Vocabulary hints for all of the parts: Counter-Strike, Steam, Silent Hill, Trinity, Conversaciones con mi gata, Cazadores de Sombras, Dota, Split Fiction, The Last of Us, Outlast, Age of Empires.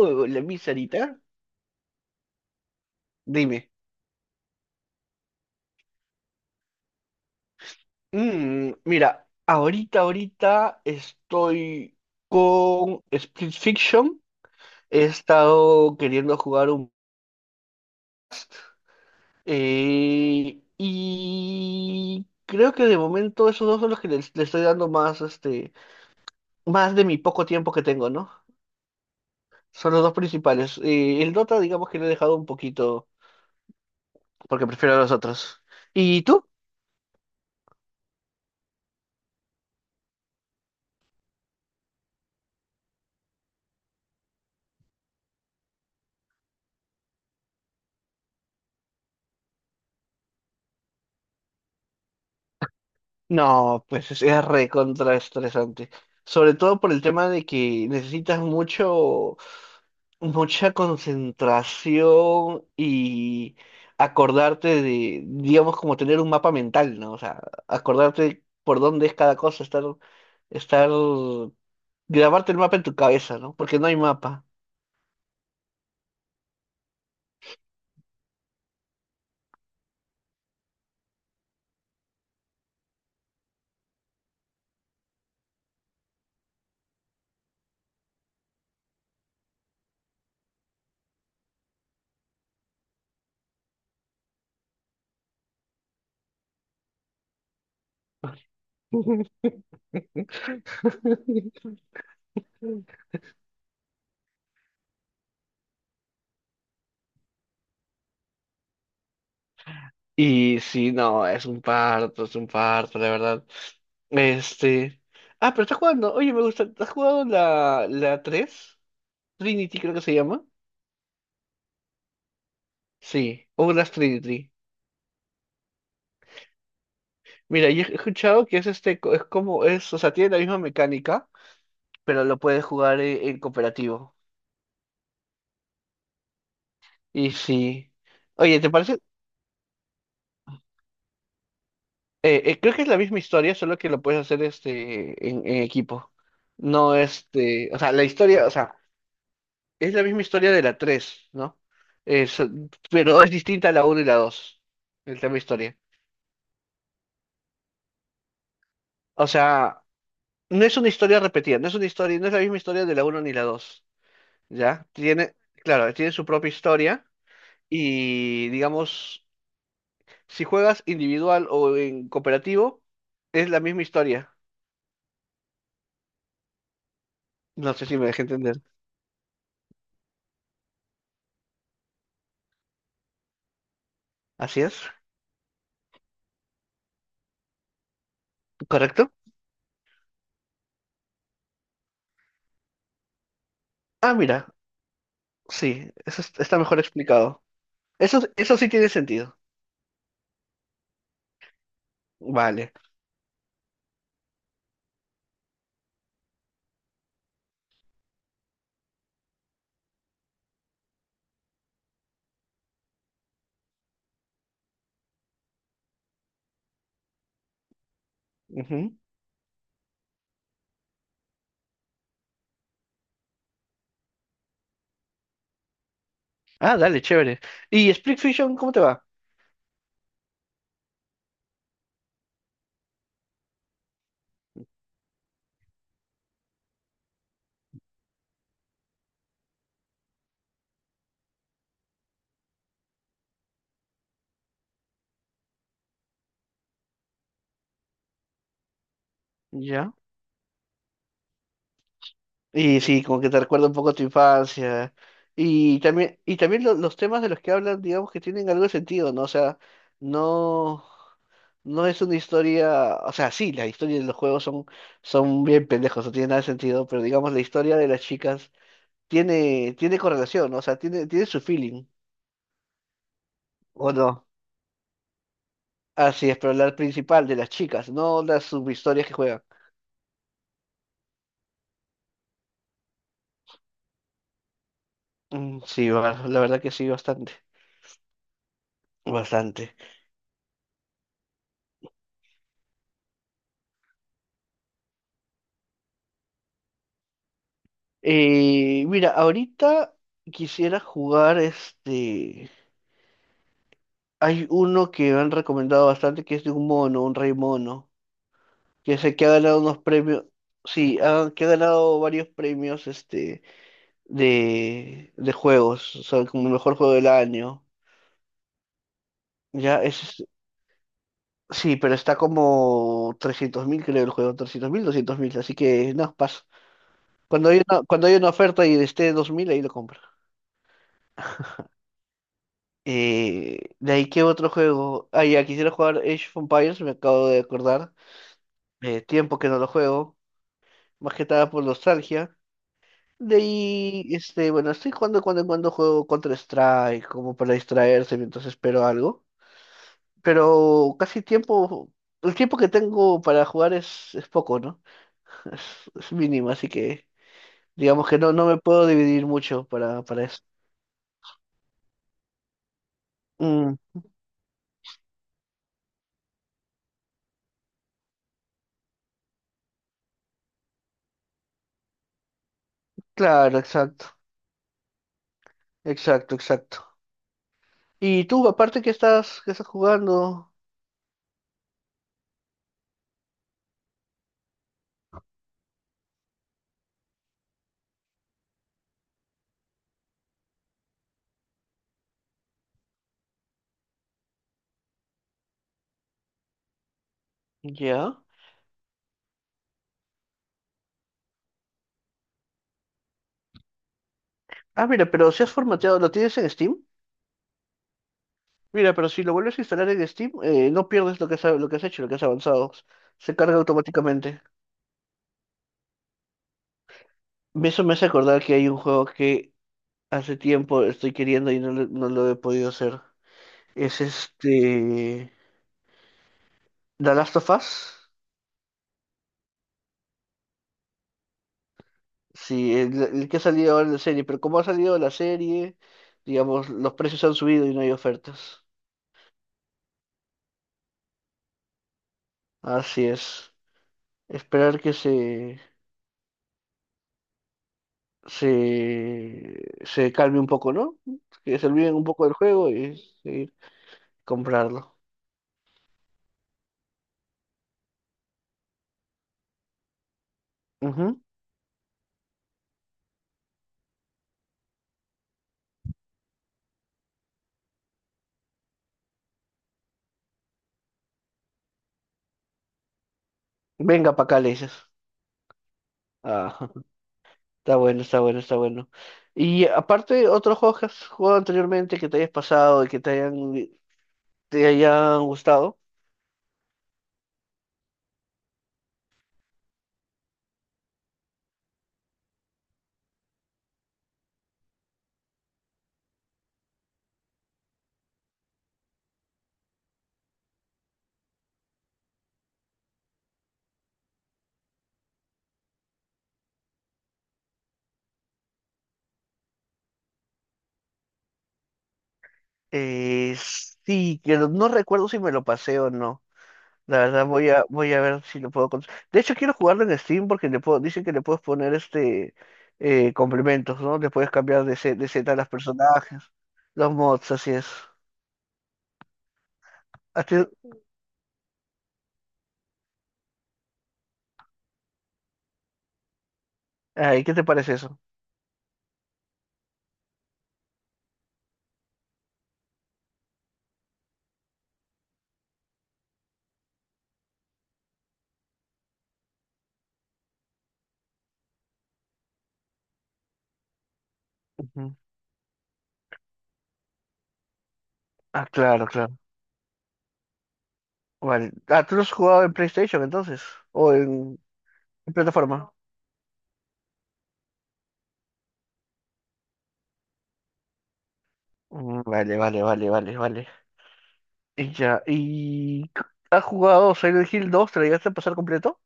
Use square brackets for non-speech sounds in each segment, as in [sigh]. Hola, mi Sarita. Dime. Mira, ahorita estoy con Split Fiction. He estado queriendo jugar. Y creo que de momento esos dos son los que estoy dando más, más de mi poco tiempo que tengo, ¿no? Son los dos principales. El Dota, digamos que lo he dejado un poquito porque prefiero a los otros. ¿Y tú? No, pues es recontra estresante. Sobre todo por el tema de que necesitas mucho, mucha concentración y acordarte de, digamos, como tener un mapa mental, ¿no? O sea, acordarte por dónde es cada cosa, estar, grabarte el mapa en tu cabeza, ¿no? Porque no hay mapa. [laughs] Y sí, no, es un parto, la verdad. Este. Ah, pero estás jugando. Oye, me gusta. ¿Has jugado la tres, Trinity creo que se llama? Sí, o las Trinity. Mira, yo he escuchado que es como es, o sea, tiene la misma mecánica, pero lo puedes jugar en, cooperativo. Y sí. Oye, ¿te parece? Creo que es la misma historia, solo que lo puedes hacer en equipo. No, o sea, la historia, o sea, es la misma historia de la 3, ¿no? Es, pero es distinta a la uno y la 2, el tema historia. O sea, no es una historia repetida, no es una historia, no es la misma historia de la uno ni la 2. ¿Ya? Tiene, claro, tiene su propia historia y, digamos, si juegas individual o en cooperativo, es la misma historia. No sé si me dejé entender. Así es, ¿correcto? Ah, mira, sí, está mejor explicado. Eso sí tiene sentido. Vale. Ujú. Ah, dale, chévere. ¿Y Split Fiction, cómo te va? Ya. Y sí, como que te recuerda un poco a tu infancia. Y también los temas de los que hablan, digamos que tienen algo de sentido, ¿no? O sea, no, no es una historia, o sea, sí, las historias de los juegos son bien pendejos, no tiene nada de sentido, pero digamos la historia de las chicas tiene correlación, ¿no? O sea, tiene su feeling, ¿o no? Así es, pero la principal de las chicas, no las subhistorias que juegan. Mm, sí, va, la verdad que sí, bastante. Bastante. Mira, ahorita quisiera jugar. Hay uno que me han recomendado bastante que es de un mono, un rey mono, que es el que ha ganado unos premios. Sí, que ha ganado varios premios de juegos, o sea, como mejor juego del año. Ya, sí, pero está como 300.000, creo, el juego, 300.000, 200.000, así que no, paso. Cuando hay una oferta y esté 2.000, ahí lo compro. De ahí, ¿qué otro juego? Ah, ya, quisiera jugar Age of Empires, me acabo de acordar. Tiempo que no lo juego, más que nada por nostalgia. De ahí, bueno, estoy jugando cuando en cuando juego Counter-Strike, como para distraerse mientras espero algo. Pero casi tiempo, el tiempo que tengo para jugar es poco, ¿no? [laughs] Es, es mínimo, así que digamos que no, no me puedo dividir mucho para eso. Mm, claro, exacto, exacto, exacto. Y tú, aparte que estás jugando, ya. Ah, mira, pero si has formateado, ¿lo tienes en Steam? Mira, pero si lo vuelves a instalar en Steam, no pierdes lo que has hecho, lo que has avanzado. Se carga automáticamente. Eso me hace acordar que hay un juego que hace tiempo estoy queriendo y no, no lo he podido hacer. Es The Last of Us. Sí, el que ha salido ahora en la serie. Pero como ha salido la serie, digamos, los precios han subido y no hay ofertas. Así es. Esperar que se calme un poco, ¿no? Que se olviden un poco del juego y seguir comprarlo. Ujú. Venga para acá, le dices. Ah, [laughs] está bueno, está bueno, está bueno. Y aparte, otros juegos que has jugado anteriormente que te hayas pasado y que te hayan gustado. Eh, sí, que no no recuerdo si me lo pasé o no. La verdad voy a ver si lo puedo. De hecho quiero jugarlo en Steam porque dicen que le puedes poner complementos, ¿no? Le puedes cambiar de seta a los personajes, los mods, así es. ¿A ti- ay, ¿qué te parece eso? Ujú. Ah, claro, claro. Vale. Ah, ¿tú lo has jugado en PlayStation entonces? ¿O en plataforma? Mm, vale, vale, vale, vale, vale. Y ya, ¿y has jugado Silent Hill dos? ¿Te lo llegaste a pasar completo?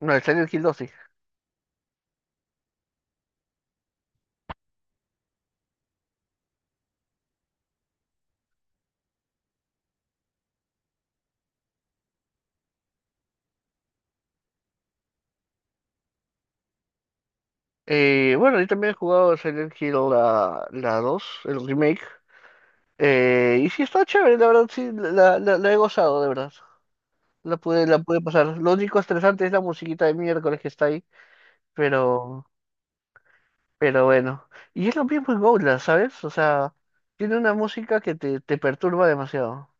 No, el Silent Hill 2. Bueno, yo también he jugado Silent Hill la 2, el remake. Y sí, está chévere, la verdad, sí, la he gozado, de verdad. La pude pasar. Lo único estresante es la musiquita de miércoles que está ahí, pero, pero bueno. Y es lo mismo en Outlast, ¿sabes? O sea, tiene una música que te perturba demasiado.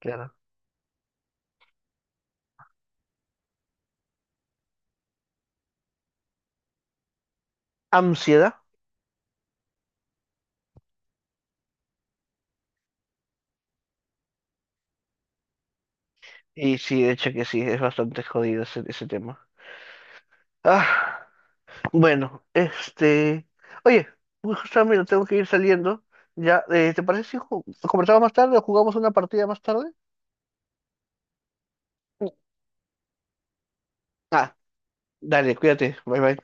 Claro. Ansiedad. Y sí, de hecho que sí, es bastante jodido ese tema. Ah. Bueno. Oye, justamente tengo que ir saliendo. Ya, ¿te parece si conversamos más tarde o jugamos una partida más tarde? Ah, dale, cuídate. Bye bye.